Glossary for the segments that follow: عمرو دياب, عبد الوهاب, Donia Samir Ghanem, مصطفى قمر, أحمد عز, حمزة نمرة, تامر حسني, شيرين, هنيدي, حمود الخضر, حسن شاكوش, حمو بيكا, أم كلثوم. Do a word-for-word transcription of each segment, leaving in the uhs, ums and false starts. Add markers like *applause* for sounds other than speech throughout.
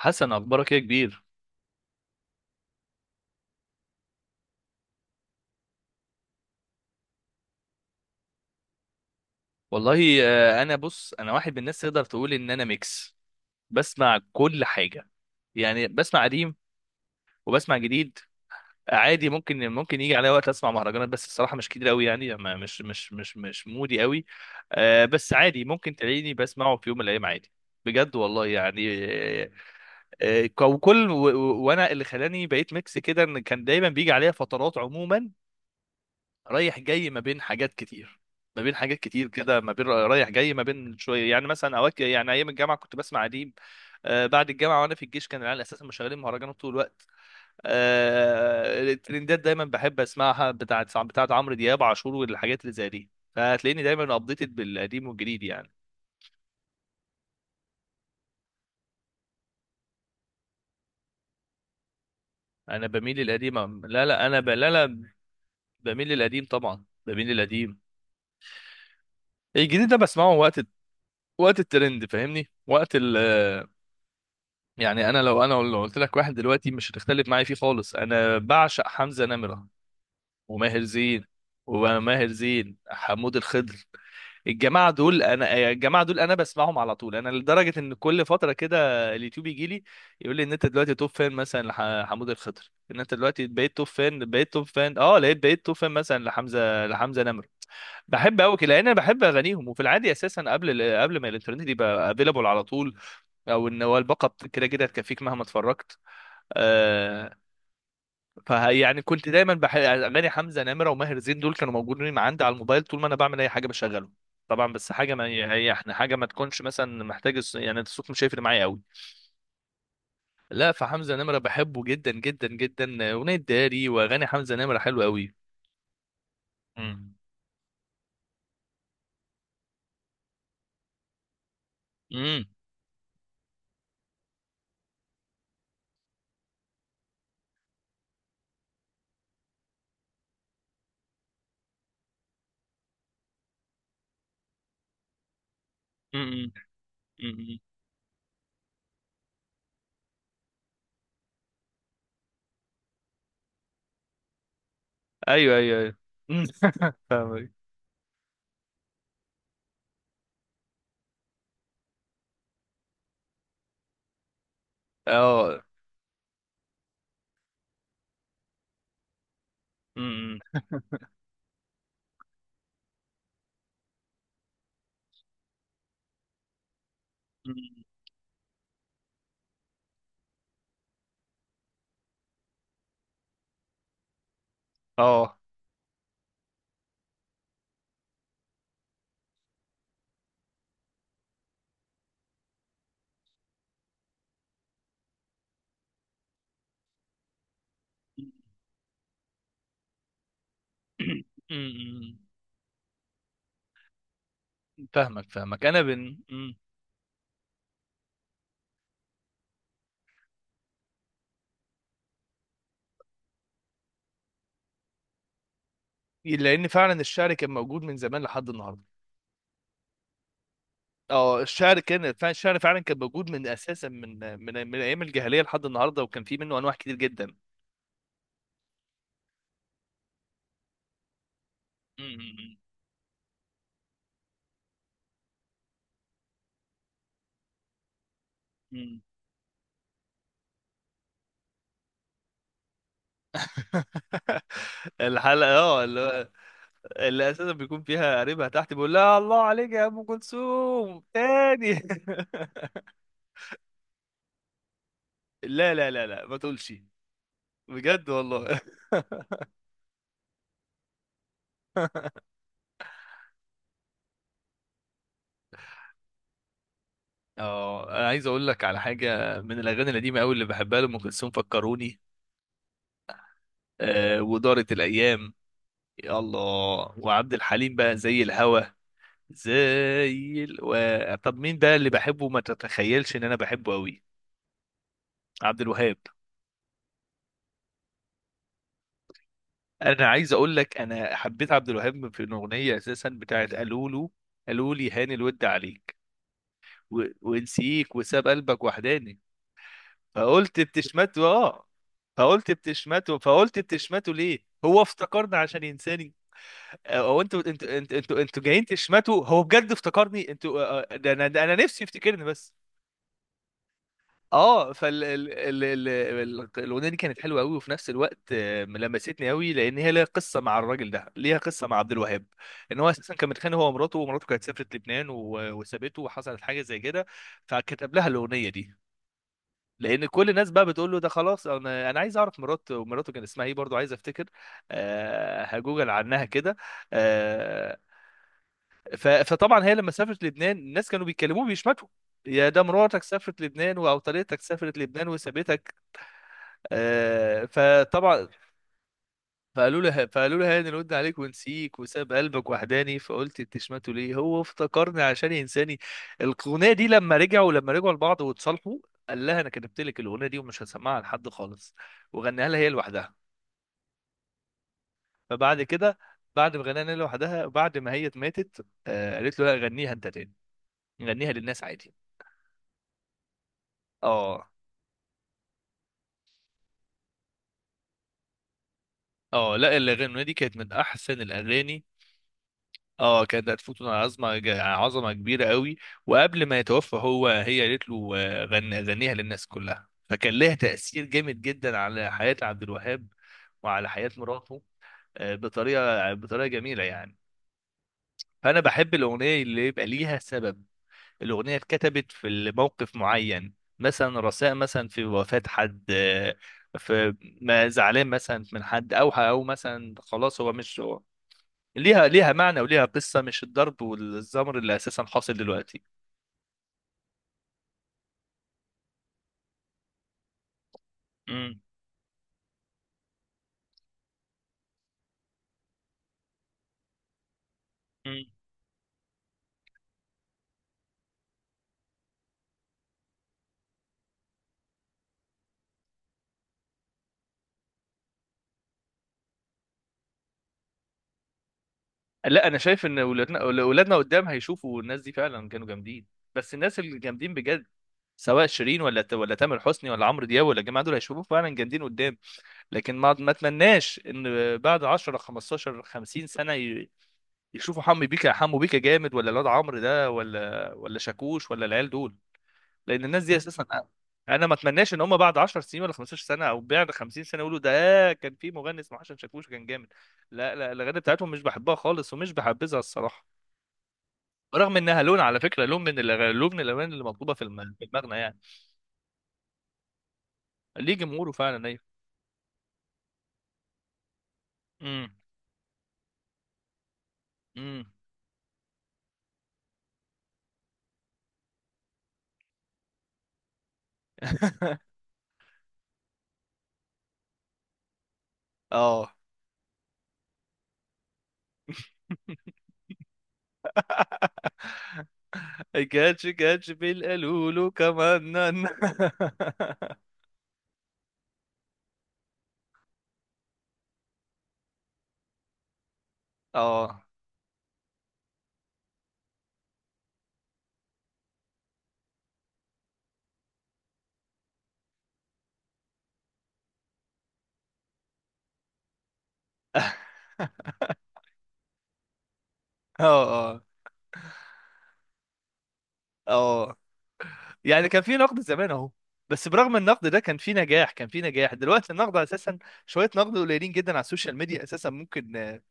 حسن اخبارك ايه يا كبير؟ والله آه، انا بص، انا واحد من الناس تقدر تقول ان انا ميكس، بسمع كل حاجه. يعني بسمع قديم وبسمع جديد عادي. ممكن ممكن يجي عليا وقت اسمع مهرجانات، بس الصراحه مش كتير قوي، يعني ما- مش مش مش مش مودي قوي. آه، بس عادي ممكن تلاقيني بسمعه في يوم من الايام عادي، بجد والله يعني. آه، آه، وكل و- و- وانا اللي خلاني بقيت ميكس كده، ان كان دايما بيجي عليا فترات، عموما رايح جاي ما بين حاجات كتير، ما بين حاجات كتير كده، ما بين رايح جاي، ما بين شويه، يعني مثلا اوقات، يعني ايام الجامعه كنت بسمع اديب. آه، بعد الجامعه وانا في الجيش كان العيال اساسا مشغلين مهرجانات طول الوقت. آه، الترندات دايما بحب اسمعها، بتاعت بتاعت عمرو دياب عاشور والحاجات اللي زي دي، فهتلاقيني دايما ابديتد بالقديم والجديد يعني. انا بميل للقديم. أم- لا لا، انا ب... لا لا، بميل للقديم طبعا، بميل للقديم. الجديد ده بسمعه وقت، وقت الترند، فاهمني، وقت ال يعني انا لو، انا لو قلت لك واحد دلوقتي مش هتختلف معايا فيه خالص، انا بعشق حمزة نمرة وماهر زين، وماهر زين حمود الخضر. الجماعة دول انا، الجماعة دول انا بسمعهم على طول، انا لدرجة ان كل فترة كده اليوتيوب يجي لي يقول لي ان انت دلوقتي توب فان مثلا لحمود الخضر، ان انت دلوقتي بقيت توب فان، بقيت توب فان اه لقيت بقيت توب فان، مثلا لحمزة لحمزة نمرة. بحب قوي كده لان انا بحب اغانيهم. وفي العادي اساسا قبل ال- قبل ما الانترنت يبقى افيلابل على طول، او ان هو الباقة بت- كده كده هتكفيك مهما اتفرجت. آه، فيعني كنت دايما بحب اغاني حمزة نمرة وماهر زين، دول كانوا موجودين عندي على الموبايل، طول ما انا بعمل اي حاجة بشغلهم طبعا. بس حاجة، ما هي احنا حاجة ما تكونش مثلا محتاج الص- يعني الصوت مش هيفرق معايا قوي. لا، فحمزة نمرة بحبه جدا جدا جدا، أغنية داري وأغاني حمزة نمرة حلوة قوي. امم، امم، امم، امم، ايوه ايوه ايوه. أمم. *laughs* فاهمك. اه، امم، امم، اه، أمم. أمم. فاهمك فاهمك انا بن لان فعلا الشعر كان موجود من زمان لحد النهارده. اه، الشعر كان فعلا، الشعر فعلا كان موجود، من اساسا، من من من ايام الجاهليه لحد النهارده، وكان في منه انواع كتير جدا. أمم. أمم. *laughs* الحلقه اه اللي, اللي اساسا بيكون فيها قريبها تحت بيقول لها: الله عليك يا ام كلثوم تاني. *laughs* لا لا لا لا، ما تقولش، بجد والله. *laughs* اه، انا عايز اقول لك على حاجه من الاغاني القديمه قوي اللي بحبها لام كلثوم، فكروني، آه، ودارت الايام، يا الله، وعبد الحليم بقى زي الهوا، زي ال... و... طب مين ده اللي بحبه، ما تتخيلش ان انا بحبه قوي؟ عبد الوهاب. انا عايز اقول لك، انا حبيت عبد الوهاب في الاغنيه اساسا بتاعت قالوا له، قالوا لي هاني الود عليك، و... ونسيك وساب قلبك وحداني، فقلت بتشمته. اه، فقلت بتشمته فقلت بتشمته ليه، هو افتكرني عشان ينساني؟ او انتوا انتوا انتوا انتوا انتوا جايين تشمتوا، هو بجد افتكرني؟ انتوا؟ آه، آه، ده انا ده انا نفسي يفتكرني بس. اه، فال ال... ال... ال... ال- الاغنيه دي كانت حلوه قوي، وفي نفس الوقت آه، لمستني قوي، لان هي ليها قصه مع الراجل ده، ليها قصه مع عبد الوهاب، ان هو اساسا كان متخانق هو ومراته، ومراته كانت سافرت لبنان، و... وسابته، وحصلت حاجه زي كده، فكتب لها الاغنيه دي. لان كل الناس بقى بتقول له ده خلاص. انا انا عايز اعرف مراته، مراته كان اسمها ايه، برضو عايز افتكر. أه، هجوجل عنها كده. أه ف... فطبعا هي لما سافرت لبنان الناس كانوا بيتكلموا بيشمتوا: يا ده مراتك سافرت لبنان، او طريقتك سافرت لبنان وسابتك، آه، فطبعا فقالوا له فقالوا له هاني رد عليك ونسيك وساب قلبك وحداني، فقلت انت شماته ليه، هو افتكرني عشان ينساني. الاغنيه دي لما رجعوا، لما رجعوا لبعض واتصالحوا، قال لها انا كتبت لك الاغنيه دي ومش هسمعها لحد خالص، وغناها لها هي لوحدها. فبعد كده، بعد ما غناها لها لوحدها، بعد ما هي ماتت، آه، قالت له: لا، غنيها انت تاني، غنيها للناس عادي. اه، اه، لا الاغنيه دي كانت من احسن الاغاني. اه، كانت هتفوت عظمه ج- عظمه كبيره قوي. وقبل ما يتوفى هو، هي قالت له: آه، غني، غنيها للناس كلها، فكان لها تاثير جامد جدا على حياه عبد الوهاب وعلى حياه مراته، آه، بطريقه، بطريقه جميله يعني. فانا بحب الاغنيه اللي يبقى ليها سبب، الاغنيه اتكتبت في موقف معين، مثلا رثاء، مثلا في وفاه حد، آه، في، ما زعلان مثلا من حد، او او مثلا خلاص هو مش، ليها، ليها معنى وليها قصة، مش الضرب والزمر اللي أساسا حاصل دلوقتي. مم. مم. لا، أنا شايف إن ولادنا، ولادنا قدام هيشوفوا الناس دي فعلا كانوا جامدين، بس الناس اللي جامدين بجد، سواء شيرين ولا ولا تامر حسني ولا عمرو دياب ولا الجماعة دول، هيشوفوا فعلا جامدين قدام. لكن ما ما أتمناش إن بعد عشر خمسة عشر خمسين سنة ي- يشوفوا حمو بيكا، حمو بيكا جامد، ولا الواد عمرو ده، ولا ولا شاكوش، ولا العيال دول. لان الناس دي اساسا، انا، أنا ما اتمناش ان هم بعد عشر سنين، ولا خمسة عشر سنه، او بعد خمسين سنه يقولوا ده كان في مغني اسمه حسن شاكوش كان جامد. لا لا، الاغاني بتاعتهم مش بحبها خالص، ومش بحبذها الصراحه، رغم انها لون على فكره، لون من الأغاني، لون من الاغاني اللي مطلوبه في الم- في المغنى يعني. ليه جمهوره فعلا، ايوه. امم، امم. *laughs* اه. *laughs* كاتش كاتش بالقلولو كمان. *laughs* اه، اه، اه، اه. يعني كان في نقد زمان اهو، بس برغم النقد ده كان في نجاح، كان في نجاح دلوقتي النقد اساسا شويه، نقد قليلين جدا على السوشيال ميديا اساسا، ممكن، آه،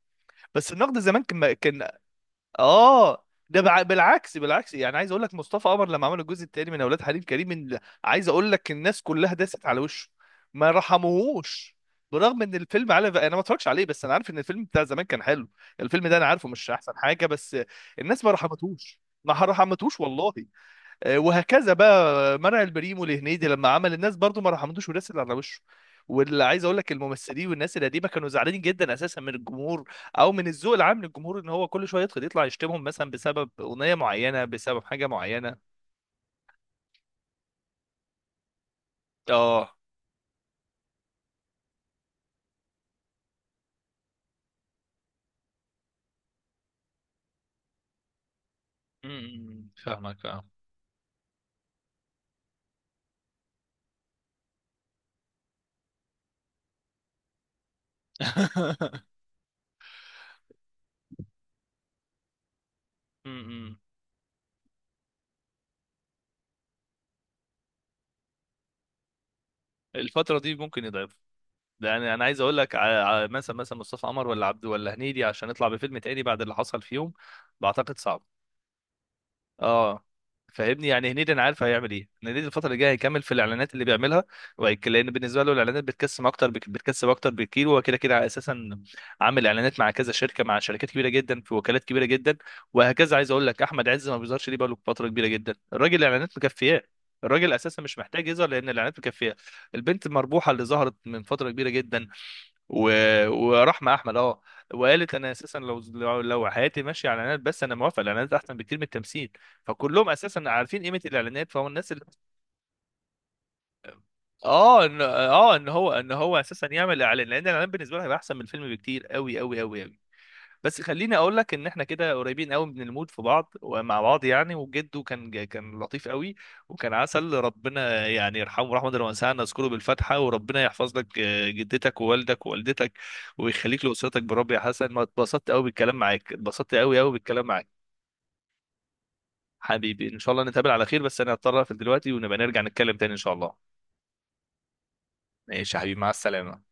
بس النقد زمان كان كان اه. ده بع- بالعكس، بالعكس يعني عايز اقول لك مصطفى قمر لما عمل الجزء الثاني من اولاد حليم كريم، ال- عايز اقول لك الناس كلها داست على وشه، ما رحموهوش. برغم ان الفيلم، على انا ما اتفرجش عليه، بس انا عارف ان الفيلم بتاع زمان كان حلو، الفيلم ده انا عارفه مش احسن حاجه، بس الناس ما رحمتوش، ما رحمتوش والله. آه، وهكذا بقى منع البريمو لهنيدي لما عمل، الناس برضو ما رحمتوش ورسل على وشه. واللي عايز اقول لك، الممثلين والناس القديمه كانوا زعلانين جدا اساسا من الجمهور، او من الذوق العام للجمهور، ان هو كل شويه يدخل يطلع يشتمهم مثلا بسبب اغنيه معينه، بسبب حاجه معينه. اه، امم. فاهمك اه. *laughs* امم. الفترة دي ممكن يضعف، يعني أنا انا عايز أقول لك على، على مثلا مثلا مصطفى قمر، ولا عبد، ولا هنيدي، عشان يطلع بفيلم تاني بعد اللي حصل فيهم، بعتقد صعب. اه، فاهمني، يعني هنيدي انا عارف هيعمل ايه، إن هنيدي الفتره اللي جايه هيكمل في الاعلانات اللي بيعملها، وهيك- لان بالنسبه له الاعلانات بتكسب اكتر، بك- بتكسب اكتر بكتير، هو كده كده اساسا عامل اعلانات مع كذا شركه، مع شركات كبيره جدا، في وكالات كبيره جدا. وهكذا عايز اقول لك، احمد عز ما بيظهرش ليه بقاله فتره كبيره جدا، الراجل الاعلانات مكفياه، الراجل اساسا مش محتاج يظهر لان الاعلانات مكفياه. البنت المربوحه اللي ظهرت من فتره كبيره جدا، و... ورحمه احمد، اه، وقالت انا اساسا لو، لو لو حياتي ماشيه على اعلانات بس انا موافقه، الاعلانات احسن بكتير من التمثيل. فكلهم اساسا عارفين قيمه الاعلانات، فهو الناس اللي اه ان، اه ان هو ان هو اساسا يعمل اعلان، لان الاعلان بالنسبه له هيبقى احسن من الفيلم بكتير، قوي قوي قوي قوي. بس خليني اقول لك ان احنا كده قريبين قوي من المود في بعض ومع بعض يعني، وجده كان ج- كان لطيف قوي، وكان عسل، ربنا يعني يرحمه، رحمه الله واسعه، نذكره بالفاتحه. وربنا يحفظ لك آه، جدتك ووالدك ووالدتك، ويخليك لاسرتك. بالرب يا حسن، ما اتبسطت قوي بالكلام معاك، اتبسطت قوي قوي بالكلام معاك. حبيبي ان شاء الله نتقابل على خير، بس انا هضطر اقفل دلوقتي، ونبقى نرجع نتكلم تاني ان شاء الله. ماشي يا حبيبي، مع السلامه.